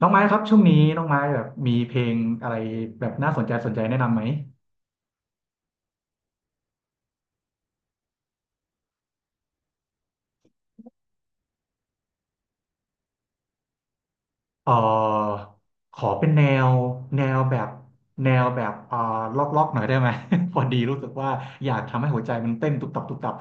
น้องไม้ครับช่วงนี้น้องไม้แบบมีเพลงอะไรแบบน่าสนใจสนใจแนะนำไหมเออขอเป็นแนวแนวแบบแนวแบบล็อกล็อกหน่อยได้ไหม พอดีรู้สึกว่าอยากทำให้หัวใจมันเต้นตุบตับตุบตับ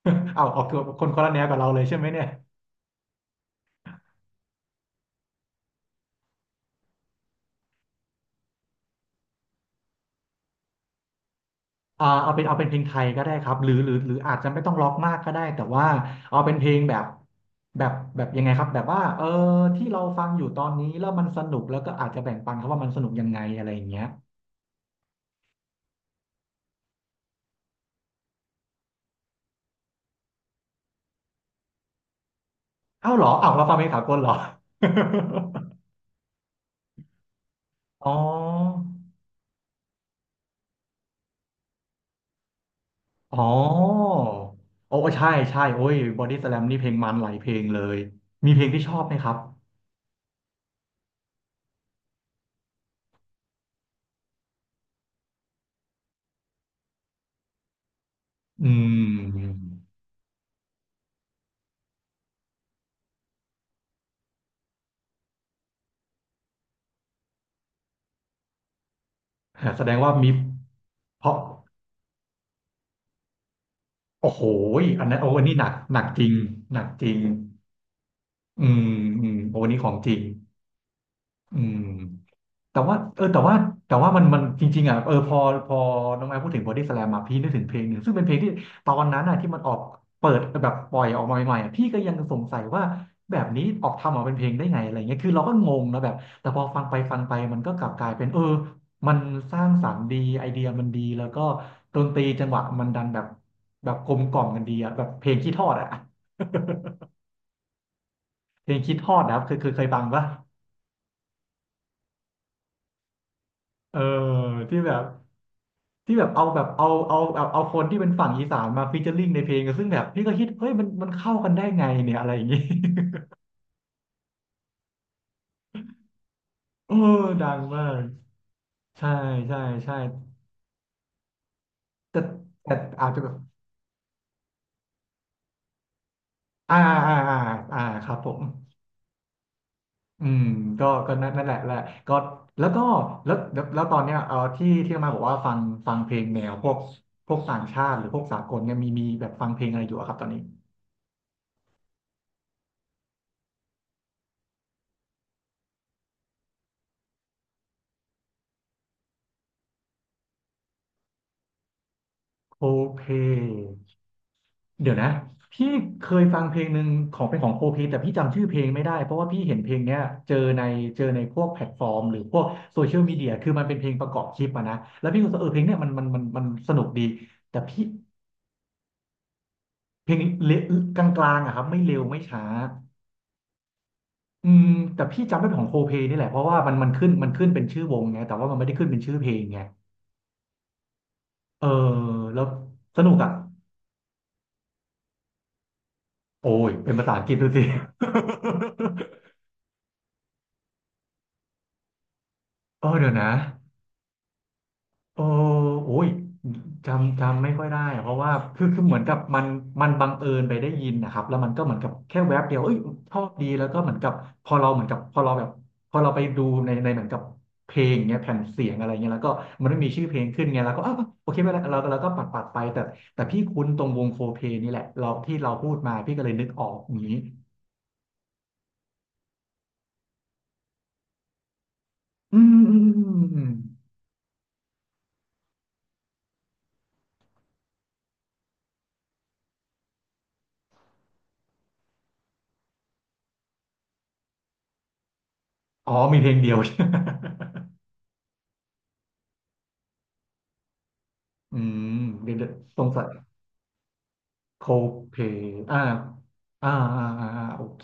เอาคือกตัวคนคนละแนวกับเราเลยใช่ไหมเนี่ย อ่าเอาเป็นเพลงไทยก็ได้ครับหรืออาจจะไม่ต้องล็อกมากก็ได้แต่ว่าเอาเป็นเพลงแบบแบบยังไงครับแบบว่าที่เราฟังอยู่ตอนนี้แล้วมันสนุกแล้วก็อาจจะแบ่งปันเขาว่ามันสนุกยังไงอะไรอย่างเงี้ยเอ้าเราฟังเพลงสากลเหรอ อ๋ออ๋อโอ้ใช่โอ้ยบอดี้สแลมนี่เพลงมันหลายเพลงเลยมีเพลงที่ชอบไหมครับอืมแสดงว่ามีเพราะโอ้โหอันนั้นโอ้อันนี้หนักจริงหนักจริง อืมอืมโอ้วันนี้ของจริงอืมแต่ว่าเออแต่ว่าแต่ว่ามันจริงๆอ่ะเออพอน้องแอมพูดถึงบอดี้สแลมมาพี่นึกถึงเพลงหนึ่งซึ่งเป็นเพลงที่ตอนนั้นอ่ะที่มันออกเปิดแบบปล่อยออกมาใหม่ๆอะพี่ก็ยังสงสัยว่าแบบนี้ออกทำออกมาเป็นเพลงได้ไงอะไรเงี้ยคือเราก็งงนะแบบแต่พอฟังไปมันก็กลับกลายเป็นมันสร้างสรรค์ดีไอเดียมันดีแล้วก็ดนตรีจังหวะมันดันแบบกลมกล่อมกันดีอ่ะแบบเพลงขี้ทอดอ่ะเพลงขี้ทอดนะครับเคยฟังปะ เออที่แบบที่แบบเอาคนที่เป็นฝั่งอีสานมาฟีเจอริ่งในเพลงซึ่งแบบพี่ก็คิดเฮ้ยมันเข้ากันได้ไงเนี่ยอะไรอย่างงี้ เออดังมากใช่ใช่ใช่แต่แต่อาจจะแบบอ่าอ่าอ่าอ่าครับผมอืมก็นั่นแหละก็แล้วก็แล้วตอนเนี้ยที่มาบอกว่าฟังเพลงแนวพวกต่างชาติหรือพวกสากลเนี่ยมีแบบฟังเพลงอะไรอยู่อะครับตอนนี้โคเพ เดี๋ยวนะพี่เคยฟังเพลงหนึ่งของเป็นของโคเพแต่พี่จำชื่อเพลงไม่ได้เพราะว่าพี่เห็นเพลงเนี้ยเจอในเจอในพวกแพลตฟอร์มหรือพวกโซเชียลมีเดียคือมันเป็นเพลงประกอบคลิปอะนะแล้วพี่ก็รู้สึกเพลงเนี้ยมันสนุกดีแต่พี่เพลงเลกลางๆอะครับไม่เร็วไม่ช้าอืมแต่พี่จำได้เป็นของโคเพนี่แหละเพราะว่ามันมันขึ้นเป็นชื่อวงไงแต่ว่ามันไม่ได้ขึ้นเป็นชื่อเพลงไงเออแล้วสนุกอะโอ้ยเป็นภาษาอังกฤษดูสิ เดี๋ยวนะ เออโอ้ยจำไม่ค่อยได้อะเพราะว่าคือเหมือนกับมันมันบังเอิญไปได้ยินนะครับแล้วมันก็เหมือนกับแค่แวบเดียวเอ้ยชอบดีแล้วก็เหมือนกับพอเราเหมือนกับพอเราไปดูในเหมือนกับเพลงเงี้ยแผ่นเสียงอะไรเงี้ยแล้วก็มันไม่มีชื่อเพลงขึ้นไงแล้วก็อ้าวโอเคไม่เป็นไรเราก็ปัดไปแต่พี่คุ้นตรงวงโคเพลนี่แหละเราที่เราพูดมาพี่ก็เลยนึกออกอย่างนี้อืมอมอ๋อมีเพลงเดียว อืมเดี๋ยวเดี๋ยวสงสัย โคเพอ่าอ่าอ่าโอเค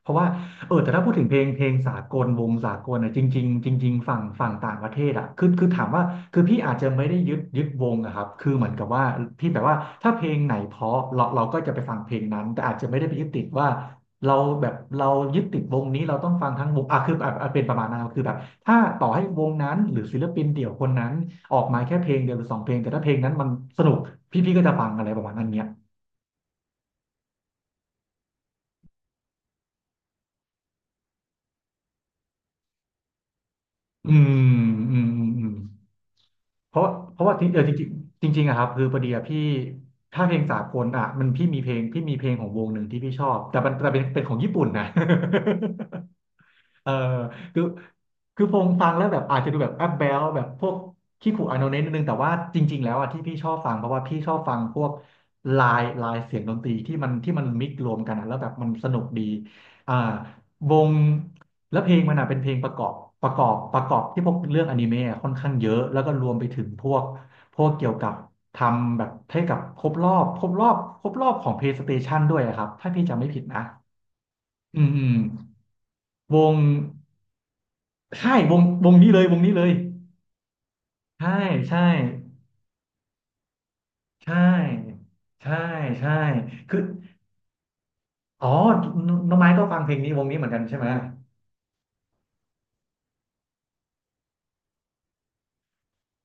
เพราะว่าแต่ถ้าพูดถึงเพลงสากลวงสากลอ่ะจริงๆจริงๆฝั่งต่างประเทศอ่ะคือถามว่าคือพี่อาจจะไม่ได้ยึดวงอะครับคือเหมือนกับว่าพี่แบบว่าถ้าเพลงไหนเพราะเราก็จะไปฟังเพลงนั้นแต่อาจจะไม่ได้ไปยึดติดว่าเราเรายึดติดวงนี้เราต้องฟังทั้งวงอ่ะคืออบเป็นประมาณนั้นครับคือแบบถ้าต่อให้วงนั้นหรือศิลปินเดี่ยวคนนั้นออกมาแค่เพลงเดียวหรือสองเพลงแต่ถ้าเพลงนั้นมันสนุกพี่ก็จะฟังอะไรประมาณนั้นเนี้ย อืมอืมอืมเพราะเพราะว่าจริงเออจริงจริงจริงๆอะครับคือพอดีอะพี่ถ้าเพลงสากลอะมันพี่มีเพลงพี่มีเพลงของวงหนึ่งที่พี่ชอบแต่เป็นของญี่ปุ่นนะ เออคือคือพงฟังแล้วแบบอาจจะดูแบบแบบพวกขี้ขู่อาโนเนนิดนึงแต่ว่าจริงๆแล้วอ่ะที่พี่ชอบฟังเพราะว่าพี่ชอบฟังพวกลายเสียงดนตรีที่มันมิกซ์รวมกันอะแล้วแบบมันสนุกดีอ่าวงแล้วเพลงมันอ่ะเป็นเพลงประกอบที่พวกเรื่องอนิเมะอะค่อนข้างเยอะแล้วก็รวมไปถึงพวกเกี่ยวกับทำแบบให้กับครบรอบของ PlayStation ด้วยอะครับถ้าพี่จำไม่ผิดนะอืมอืมวง ใช่วงนี้เลยวงนี้เลยใช่ใช่ใช่ใช่ใช่คืออ๋อน้องน้องไม้ก็ฟังเพลงนี้วงนี้เหมือนกันใช่ไหม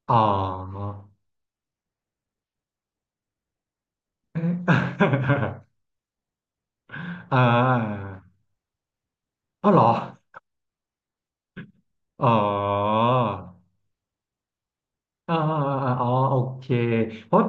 อ๋อ อ่าอ๋อเหรออ๋ออ๋อออ๋อโอเคเพราะ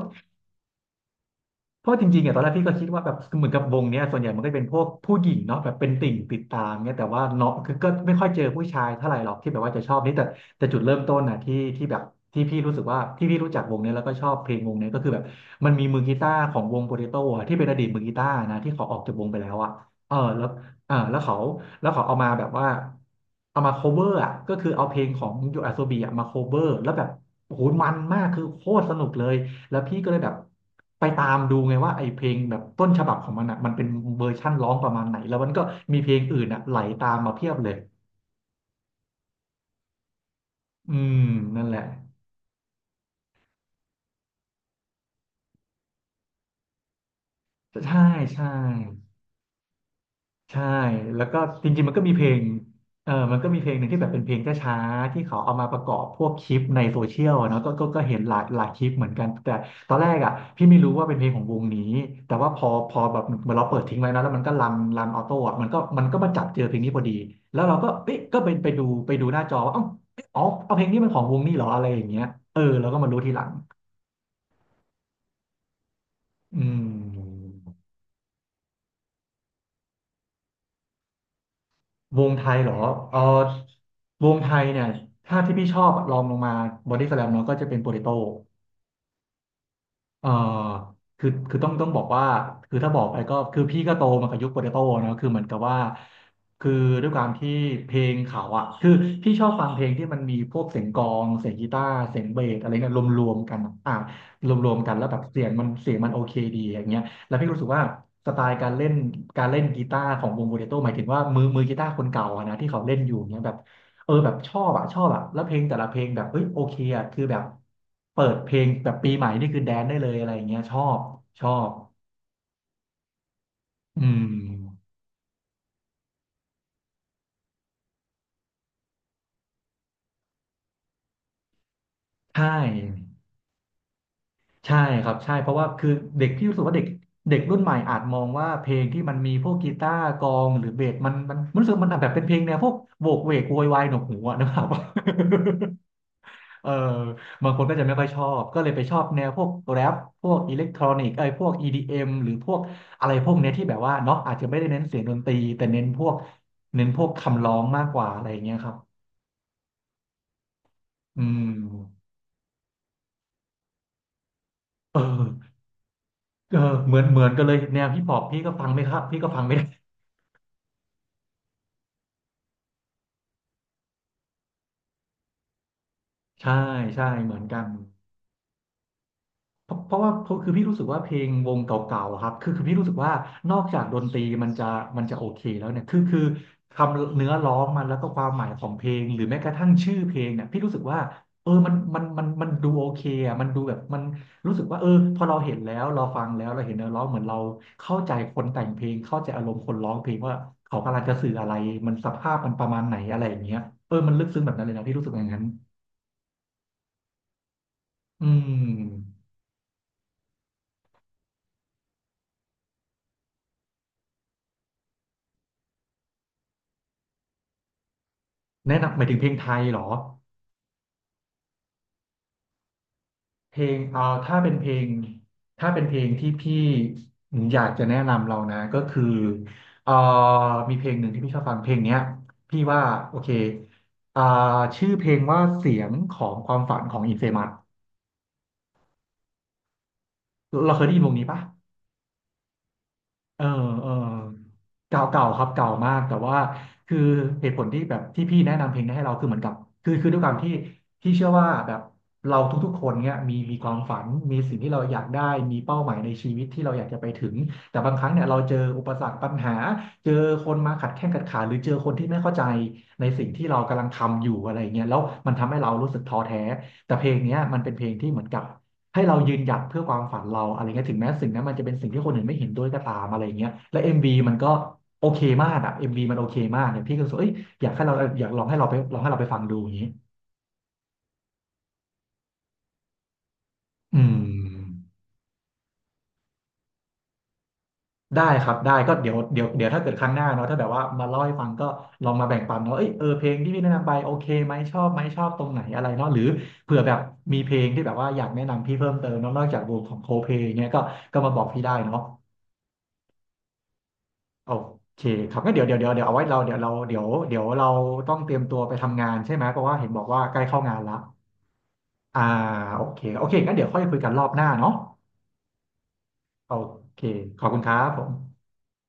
เพราะจริงๆอ่ะตอนแรกพี่ก็คิดว่าแบบเหมือนกับวงเนี้ยส่วนใหญ่มันก็จะเป็นพวกผู้หญิงเนาะแบบเป็นติ่งติดตามเนี้ยแต่ว่าเนาะคือก็ไม่ค่อยเจอผู้ชายเท่าไหร่หรอกที่แบบว่าจะชอบนี่แต่แต่จุดเริ่มต้นนะที่แบบที่พี่รู้สึกว่าที่พี่รู้จักวงเนี้ยแล้วก็ชอบเพลงวงเนี้ยก็คือแบบมันมีมือกีตาร์ของวงโปเตโต้อะที่เป็นอดีตมือกีตาร์นะที่เขาออกจากวงไปแล้วอะเออแล้วอ่าแล้วเขาเอามาแบบว่าเอามา cover อะก็คือเอาเพลงของยูอาโซบีอะมา cover แล้วแบบโอ้โหมันมากคือโคตรสนุกเลย แล้วพี่ก็เลยแบบไปตามดูไงว่าไอ้เพลงแบบต้นฉบับของมันอ่ะมันเป็นเวอร์ชั่นร้องประมาณไหนแล้วมันก็มีเพลงอื่นอ่ะไหลตามมาเพียบเลยอืมนั่นแหละใช่ใช่ ใช่แล้วก็จริงๆมันก็มีเพลงมันก็มีเพลงหนึ่งที่แบบเป็นเพลงช้าๆที่เขาเอามาประกอบพวกคลิปในโซเชียลอะเนาะก็เห็นหลายคลิปเหมือนกันแต่ตอนแรกอ่ะพี่ไม่รู้ว่าเป็นเพลงของวงนี้แต่ว่าพอแบบเหมือนเราเปิดทิ้งไว้นะแล้วมันก็รันออโต้อะมันก็มาจับเจอเพลงนี้พอดีแล้วเราก็เอ๊ะก็ไปดูหน้าจอว่าเอ้าเอ๊ะอ๋อเอาเพลงนี้มันของวงนี้เหรออะไรอย่างเงี้ยเออเราก็มารู้ทีหลังอืม วงไทยเหรอเออวงไทยเนี่ย ถ้าที่พี่ชอบลองลงมาบอดี้สแลมเนาะก็จะเป็นโปเตโต้ เอ่อคือ คือต้องบอกว่าคือถ้าบอกไปก็ คือพี่ก็โตมากับยุคโปเตโต้เนอะคือเหมือนกับว่า คือด้วยความที่เพลงเขาอ่ะคือพี่ชอบฟังเพลงที่มันมีพวกเสียงกลองเสียงกีตาร์เสียงเบสอะไรเนี่ยรวมๆกันอะอ่ะรวมๆกันแล้วแบบเสียงมันโอเคดีอย่างเงี้ยแล้วพี่รู้สึกว่าสไตล์การเล่นกีตาร์ของวงโปเตโต้หมายถึงว่ามือกีตาร์คนเก่าอะนะที่เขาเล่นอยู่เนี่ยแบบ เออแบบชอบอ่ะชอบอ่ะแล้วเพลงแต่ละเพลงแบบเฮ้ยโอเคอ่ะคือแบบเปิดเพลงแบบปีใหม่นี่คือแดนได้เลยอะไรอย่างเงี้ยชอบชอบอืมใช่ ใช่ครับใช่เพราะว่าคือเด็กพี่รู้สึกว่าเด็กเด็กรุ่นใหม่อาจมองว่าเพลงที่มันมีพวกกีตาร์กลองหรือเบสมันรู้สึกมันแบบเป็นเพลงแนวพวกโหวกเวกโวยวายหนวกหูอะนะครับ เออบางคนก็จะไม่ค่อยชอบก็เลยไปชอบแนวพวกแรปพวกอิเล็กทรอนิกส์ไอ้ยพวกอดีเอ็มหรือพวกอะไรพวกเนี้ยที่แบบว่าเนาะอาจจะไม่ได้เน้นเสียงดนตรีแต่เน้นพวกคำร้องมากกว่าอะไรอย่างเงี้ยครับอืมเออเออเหมือนกันเลยแนวฮิปฮอปพี่ก็ฟังไม่ครับพี่ก็ฟังไม่ ใช่ใช่เหมือนกันเพราะเพราะว่าเพราะคือพี่รู้สึกว่าเพลงวงเก่าๆอะครับคือพี่รู้สึกว่านอกจากดนตรีมันจะโอเคแล้วเนี่ยคือคำเนื้อร้องมันแล้วก็ความหมายของเพลงหรือแม้กระทั่งชื่อเพลงเนี่ยพี่รู้สึกว่าเออมันดูโอเคอ่ะมันดูแบบมันรู้สึกว่าเออพอเราเห็นแล้วเราฟังแล้วเราเห็นเนื้อร้องเหมือนเราเข้าใจคนแต่งเพลงเข้าใจอารมณ์คนร้องเพลงว่าเขากำลังจะสื่ออะไรมันสภาพมันประมาณไหนอะไรอย่างเงี้ยเออมันลึกซึ้งแบบนั้นเลยนะพี่รู้สึกอย่างนั้นอืม แนะนำหมายถึงเพลงไทยเหรอเพลงถ้าเป็นเพลงถ้าเป็นเพลงที่พี่อยากจะแนะนำเรานะก็คือเอ่อมีเพลงหนึ่งที่พี่ชอบฟังเพลงเนี้ยพี่ว่าโอเคอ่าชื่อเพลงว่าเสียงของความฝันของอินเฟมัสเราเคยได้ยินวงนี้ปะ เออเก่าเก่าครับเก่ามากแต่ว่าคือเหตุผลที่แบบที่พี่แนะนำเพลงนี้ให้เราคือเหมือนกับคือด้วยความที่พี่เชื่อว่าแบบเราทุกๆคนเนี้ยมีความฝันมีสิ่งที่เราอยากได้มีเป้าหมายในชีวิตที่เราอยากจะไปถึงแต่บางครั้งเนี่ยเราเจออุปสรรคปัญหาเจอคนมาขัดแข้งขัดขาหรือเจอคนที่ไม่เข้าใจในสิ่งที่เรากำลังทำอยู่อะไรเงี้ยแล้วมันทำให้เรารู้สึกท้อแท้แต่เพลงเนี้ยมันเป็นเพลงที่เหมือนกับ ให้เรายืนหยัดเพื่อความฝันเราอะไรเงี้ยถึงแม้สิ่งนั้นมันจะเป็นสิ่งที่คนอื่นไม่เห็นด้วยก็ตามอะไรเงี้ยและเอ็มวีมันก็โอเคมากอะเอ็มวีมันโอเคมากเนี่ยพี่ก็รู้สึกว่าเอ้ยอยากให้เราอยากลองให้เราไปลองให้เราไปฟังดูอย่างนี้อืมได้ครับได้ก็เดี๋ยวเดี๋ยวเดี๋ยวถ้าเกิดครั้งหน้าเนาะถ้าแบบว่ามาเล่าให้ฟังก็ลองมาแบ่งปันเนาะเอ้ยเออเพลงที่พี่แนะนำไปโอเคไหมชอบไหมชอบตรงไหนอะไรเนาะหรือเผื่อแบบมีเพลงที่แบบว่าอยากแนะนำพี่เพิ่มเติมเนาะนอกจากวงของโคเพลงเงี้ยก็ก็มาบอกพี่ได้เนาะ โอเคครับงั้นเดี๋ยวเดี๋ยวเดี๋ยวเดี๋ยวเอาไว้เราเดี๋ยวเราเดี๋ยวเดี๋ยวเราต้องเตรียมตัวไปทำงานใช่ไหมเพราะว่าเห็นบอกว่าใกล้เข้างานละอ่าโอเคโอเคงั้นเดี๋ยวค่อยคุยกันรอบหน้าเนาะโอเคขอบคุณครับผม